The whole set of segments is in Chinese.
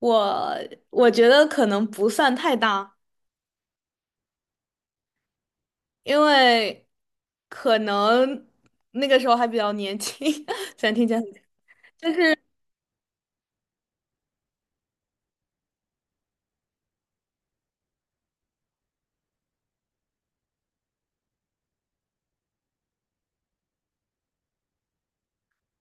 我我觉得可能不算太大，因为可能那个时候还比较年轻，虽然听起来很，就是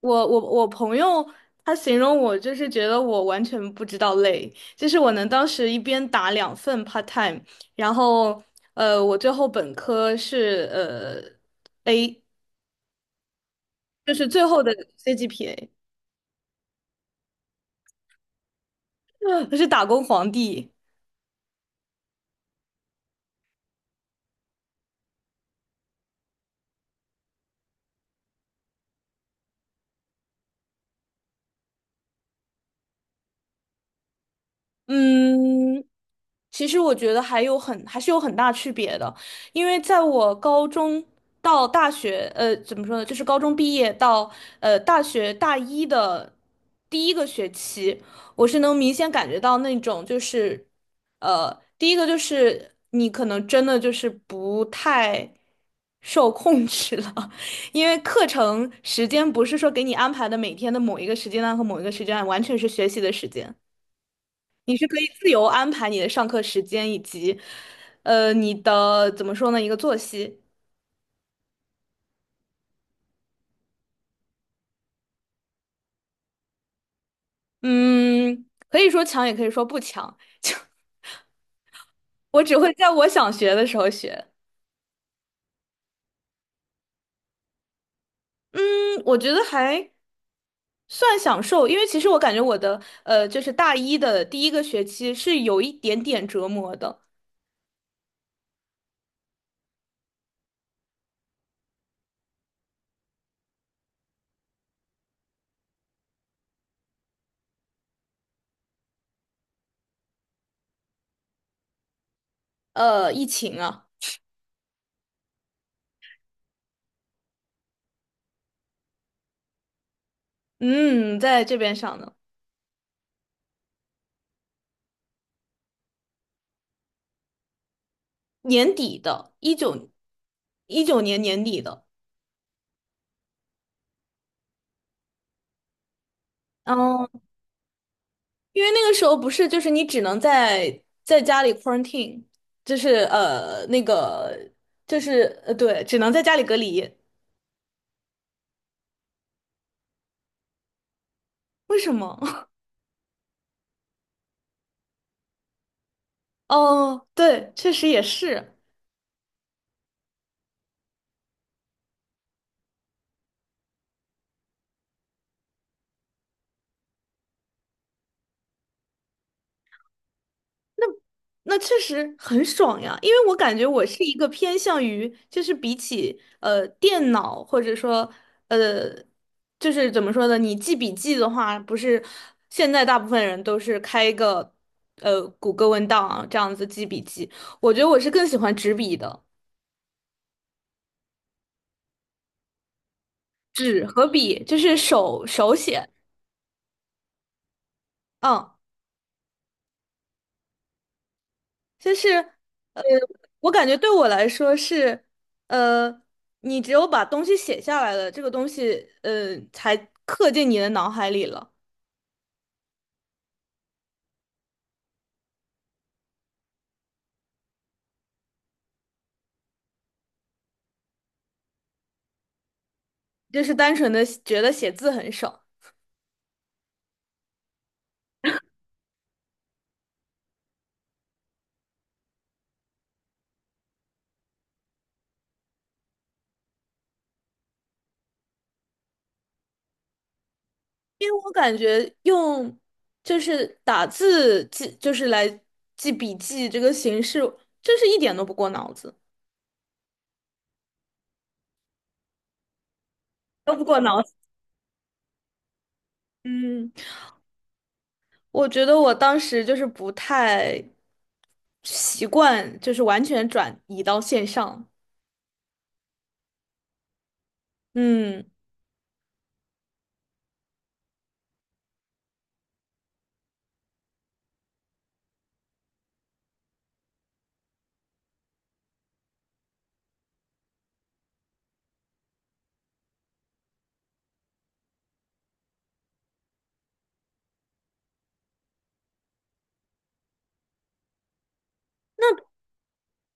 我朋友他形容我就是觉得我完全不知道累，就是我能当时一边打两份 part time，然后我最后本科是A，就是最后的 CGPA，我是打工皇帝，嗯。其实我觉得还是有很大区别的，因为在我高中到大学，怎么说呢，就是高中毕业到大学大一的第一个学期，我是能明显感觉到那种就是，第一个就是你可能真的就是不太受控制了，因为课程时间不是说给你安排的每天的某一个时间段和某一个时间段，完全是学习的时间。你是可以自由安排你的上课时间以及，你的怎么说呢，一个作息。嗯，可以说强，也可以说不强。我只会在我想学的时候学。嗯，我觉得还算享受，因为其实我感觉我的就是大一的第一个学期是有一点点折磨的。疫情啊，嗯，在这边上的，年底的，一九年年底的。嗯。因为那个时候不是，就是你只能在家里 quarantine，就是那个就是对，只能在家里隔离。为什么？哦，对，确实也是，那确实很爽呀。因为我感觉我是一个偏向于，就是比起电脑或者说呃，就是怎么说呢，你记笔记的话，不是现在大部分人都是开一个谷歌文档啊这样子记笔记，我觉得我是更喜欢纸笔的。纸和笔，就是手写，嗯，就是呃，我感觉对我来说是，呃，你只有把东西写下来了，这个东西才刻进你的脑海里了，就是单纯的觉得写字很爽，因为我感觉用就是打字记，就是来记笔记这个形式，就是一点都不过脑子，都不过脑子，嗯。我觉得我当时就是不太习惯，就是完全转移到线上。嗯，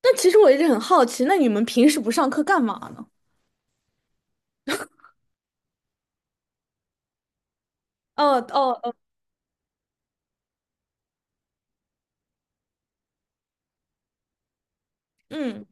但其实我一直很好奇，那你们平时不上课干嘛呢？哦哦哦，嗯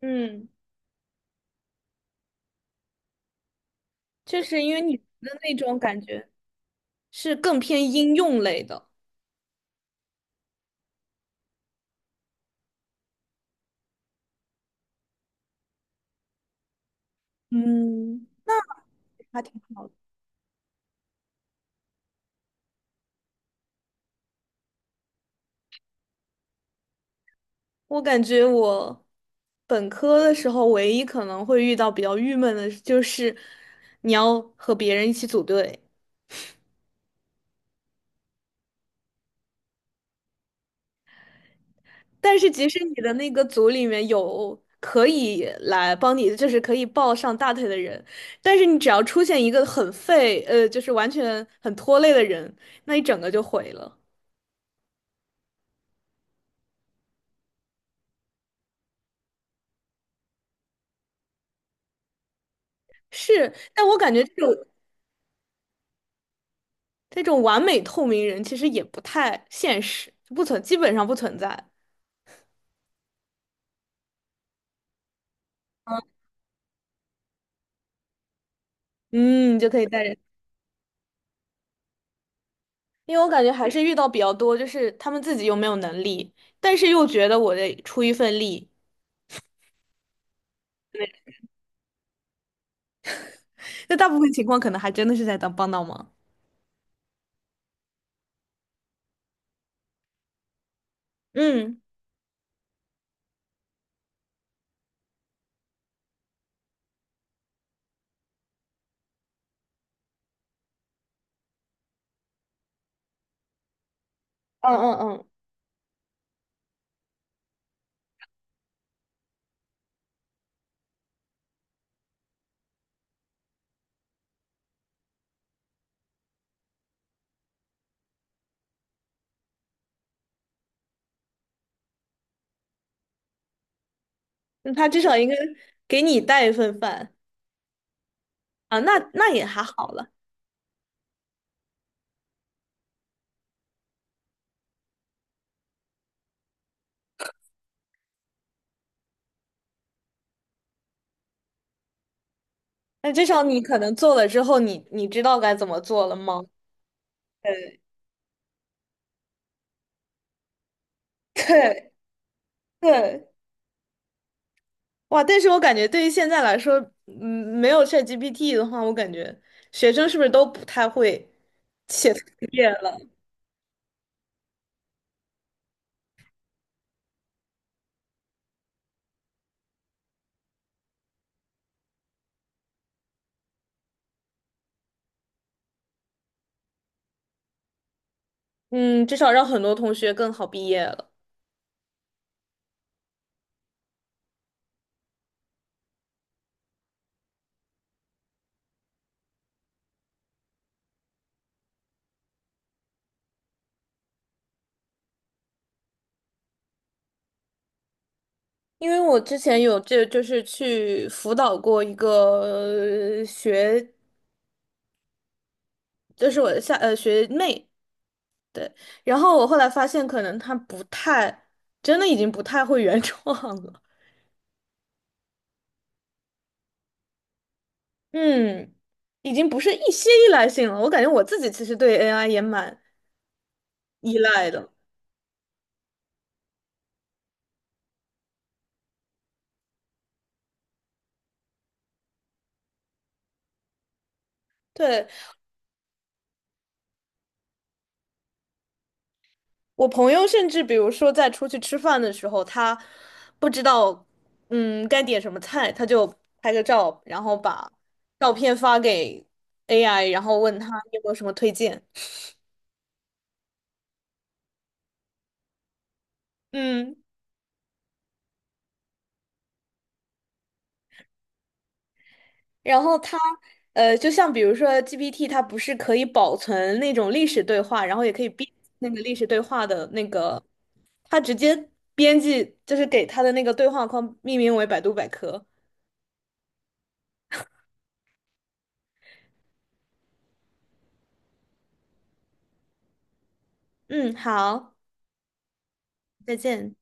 嗯，就是因为你的那种感觉是更偏应用类的。嗯，还挺好的。我感觉我本科的时候，唯一可能会遇到比较郁闷的，就是你要和别人一起组队。但是即使你的那个组里面有可以来帮你，就是可以抱上大腿的人，但是你只要出现一个很废，就是完全很拖累的人，那一整个就毁了。是，但我感觉这种完美透明人其实也不太现实，不存，基本上不存在。嗯，就可以带人，因为我感觉还是遇到比较多，就是他们自己又没有能力，但是又觉得我得出一份力，那大部分情况可能还真的是在当帮倒忙。嗯。嗯嗯嗯，那他至少应该给你带一份饭啊，那也还好了。那至少你可能做了之后你知道该怎么做了吗？对 对对，哇！但是我感觉对于现在来说，嗯，没有 ChatGPT 的话，我感觉学生是不是都不太会写作业了？嗯，至少让很多同学更好毕业了。因为我之前有这就是去辅导过一个就是我的下学妹，对，然后我后来发现，可能他不太，真的已经不太会原创了。嗯，已经不是一些依赖性了。我感觉我自己其实对 AI 也蛮依赖的。对，我朋友甚至比如说在出去吃饭的时候，他不知道该点什么菜，他就拍个照，然后把照片发给 AI，然后问他你有没有什么推荐。嗯。然后它，就像比如说 GPT，它不是可以保存那种历史对话，然后也可以编那个历史对话的那个，它直接编辑就是给它的那个对话框命名为百度百科。嗯，好，再见。